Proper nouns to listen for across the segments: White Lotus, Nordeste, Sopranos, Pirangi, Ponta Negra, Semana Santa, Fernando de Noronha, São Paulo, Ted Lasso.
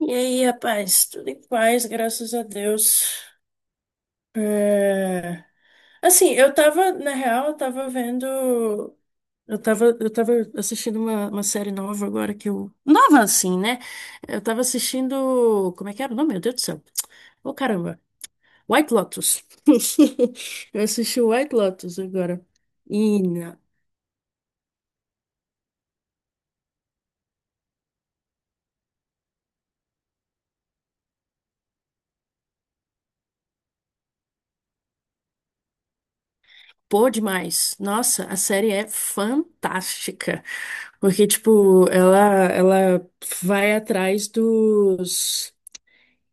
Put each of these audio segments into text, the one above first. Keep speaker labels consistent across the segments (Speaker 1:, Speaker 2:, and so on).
Speaker 1: E aí, rapaz, tudo em paz, graças a Deus. É, Assim, eu tava, na real, eu tava vendo. Eu tava assistindo uma série nova agora que eu. Nova assim, né? Eu tava assistindo. Como é que era o nome? Meu Deus do céu. Ô, caramba. White Lotus. Eu assisti o White Lotus agora. E Pô, demais. Nossa, a série é fantástica. Porque, tipo, ela vai atrás dos.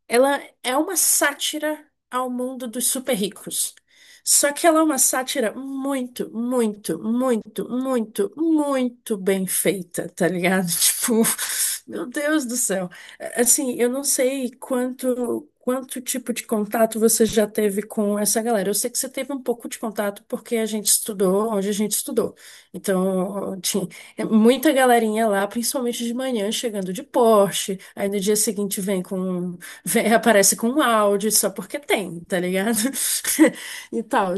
Speaker 1: Ela é uma sátira ao mundo dos super ricos. Só que ela é uma sátira muito, muito, muito, muito, muito bem feita, tá ligado? Tipo, meu Deus do céu. Assim, eu não sei quanto tipo de contato você já teve com essa galera. Eu sei que você teve um pouco de contato porque a gente estudou onde a gente estudou. Então, tinha, muita galerinha lá, principalmente de manhã, chegando de Porsche. Aí no dia seguinte vem, aparece com um áudio só porque tem, tá ligado? E tal.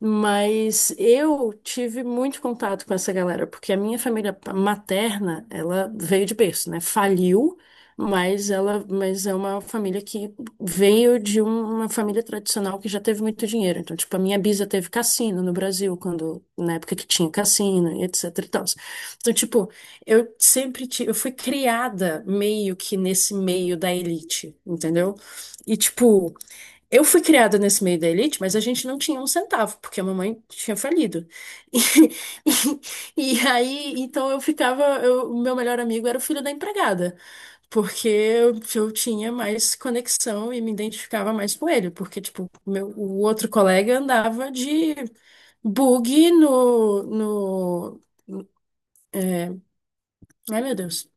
Speaker 1: Mas eu tive muito contato com essa galera, porque a minha família materna, ela veio de berço, né? Faliu, mas é uma família que veio de uma família tradicional que já teve muito dinheiro. Então, tipo, a minha bisa teve cassino no Brasil, quando na época que tinha cassino, e etc e tal. Então, tipo, eu fui criada meio que nesse meio da elite, entendeu? E tipo, eu fui criada nesse meio da elite, mas a gente não tinha um centavo, porque a mamãe tinha falido. E, e aí, então eu ficava, o meu melhor amigo era o filho da empregada, porque eu tinha mais conexão e me identificava mais com ele, porque tipo, meu, o outro colega andava de bug no, ai meu Deus.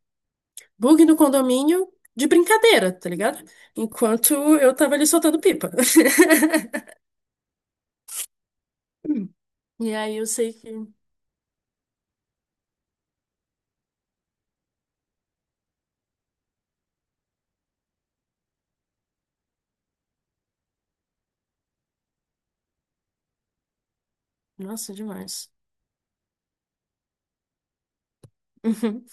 Speaker 1: Bug no condomínio de brincadeira, tá ligado? Enquanto eu tava ali soltando pipa. E aí eu sei que. Nossa, demais. Uhum.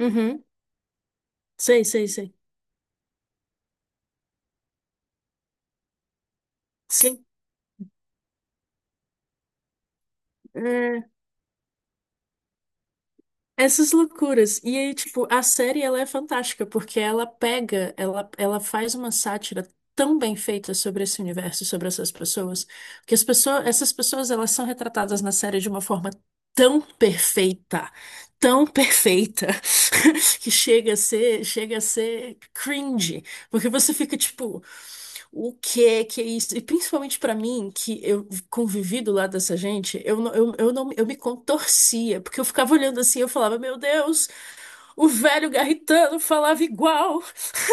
Speaker 1: Uhum. Sei, sei, sei. Sim. Essas loucuras. E aí, tipo, a série ela é fantástica, porque ela faz uma sátira tão bem feita sobre esse universo, sobre essas pessoas, que essas pessoas elas são retratadas na série de uma forma tão perfeita, tão perfeita, que chega a ser cringe, porque você fica tipo, o que que é isso? E principalmente pra mim, que eu convivi do lado dessa gente, eu não eu me contorcia, porque eu ficava olhando assim, eu falava, meu Deus, o velho garritano falava igual.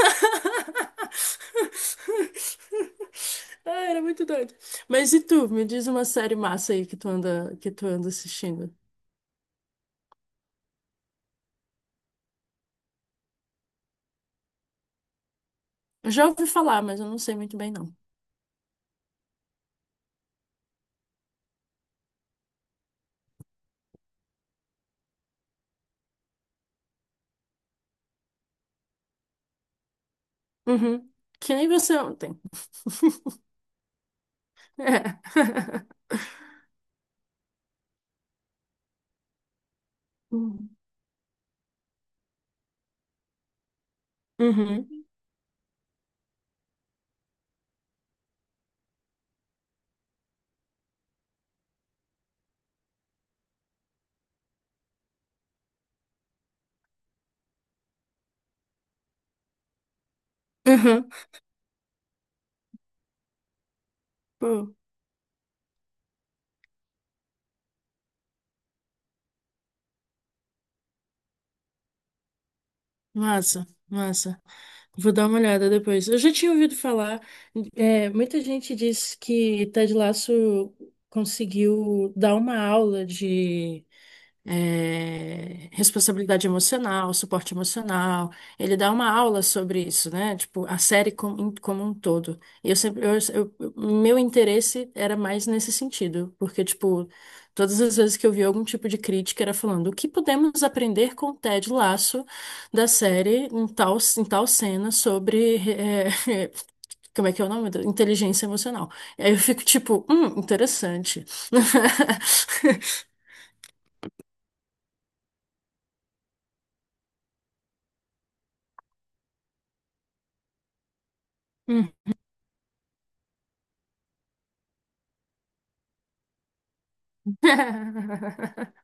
Speaker 1: Ah, era muito doido. Mas e tu, me diz uma série massa aí que tu anda assistindo. Eu já ouvi falar, mas eu não sei muito bem não. Uhum. Que nem você ontem. É. Uhum. Uhum. Uhum. Pô, massa, massa. Vou dar uma olhada depois. Eu já tinha ouvido falar. Muita gente diz que Ted Lasso conseguiu dar uma aula de responsabilidade emocional, suporte emocional. Ele dá uma aula sobre isso, né? Tipo, a série como um todo. E Eu sempre, eu- Meu interesse era mais nesse sentido, porque, tipo, todas as vezes que eu vi algum tipo de crítica era falando o que podemos aprender com o Ted Lasso da série em tal cena sobre, como é que é o nome? Inteligência emocional. E aí eu fico tipo, interessante.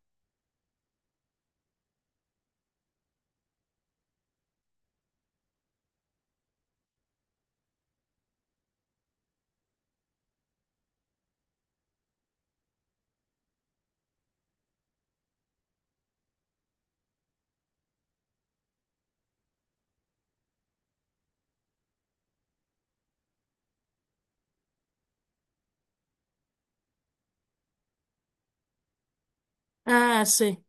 Speaker 1: Ah, sim.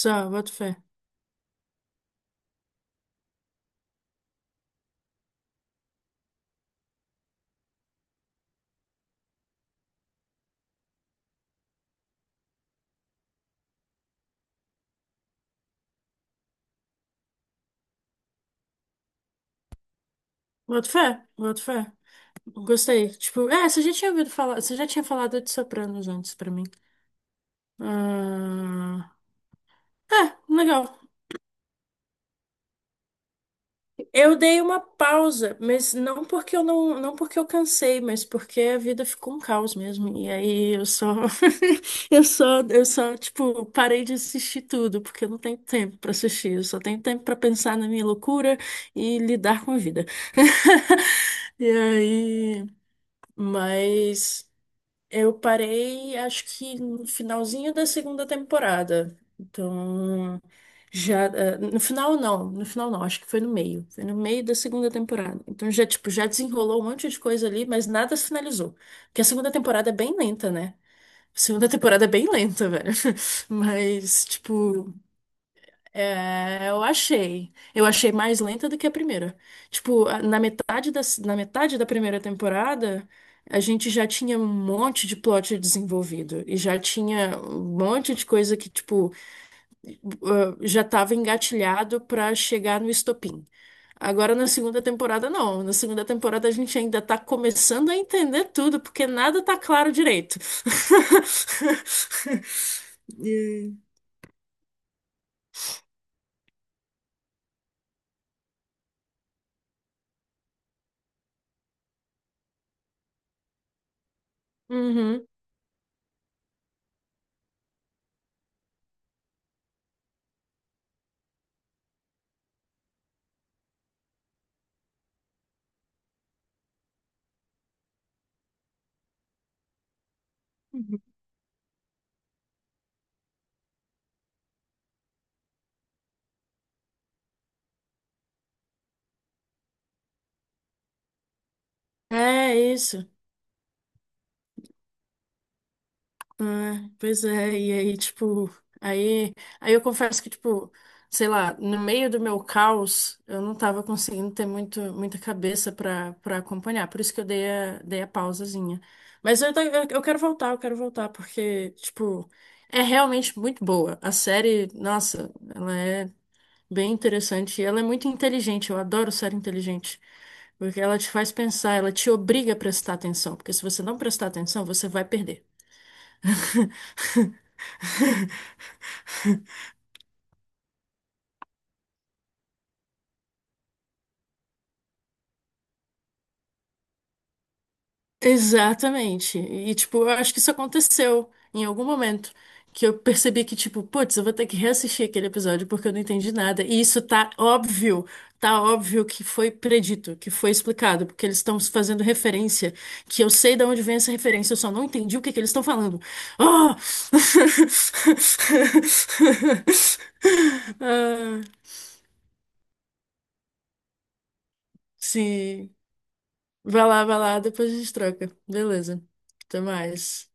Speaker 1: Só, boto fé. Boto fé, boto fé. Gostei. Tipo, você já tinha ouvido falar, você já tinha falado de Sopranos antes pra mim. Ah, é, legal. Eu dei uma pausa, mas não porque eu não, não porque eu cansei, mas porque a vida ficou um caos mesmo. E aí eu só, tipo, parei de assistir tudo, porque eu não tenho tempo pra assistir. Eu só tenho tempo pra pensar na minha loucura e lidar com a vida. E aí, mas eu parei, acho que no finalzinho da segunda temporada. Então, já, no final não, no final não, acho que foi no meio. Foi no meio da segunda temporada. Então tipo, já desenrolou um monte de coisa ali, mas nada se finalizou. Porque a segunda temporada é bem lenta, né? Segunda temporada é bem lenta, velho. Mas, tipo, é, eu achei. Eu achei mais lenta do que a primeira. Tipo, na metade da primeira temporada, a gente já tinha um monte de plot desenvolvido. E já tinha um monte de coisa que, tipo, ah, já estava engatilhado para chegar no estopim. Agora na segunda temporada não. Na segunda temporada a gente ainda tá começando a entender tudo, porque nada tá claro direito. É. Uhum. É isso. Ah, pois é, e aí, tipo, aí, aí, eu confesso que, tipo, sei lá, no meio do meu caos, eu não tava conseguindo ter muita cabeça pra acompanhar, por isso que eu dei a pausazinha. Mas eu quero voltar, eu quero voltar, porque, tipo, é realmente muito boa. A série, nossa, ela é bem interessante e ela é muito inteligente, eu adoro série inteligente. Porque ela te faz pensar, ela te obriga a prestar atenção, porque se você não prestar atenção, você vai perder. Exatamente. E, tipo, eu acho que isso aconteceu em algum momento. Que eu percebi que, tipo, putz, eu vou ter que reassistir aquele episódio porque eu não entendi nada. E isso tá óbvio que foi predito, que foi explicado, porque eles estão fazendo referência, que eu sei de onde vem essa referência, eu só não entendi o que que eles estão falando. Ah! Ah, sim. Vai lá, depois a gente troca. Beleza. Até mais.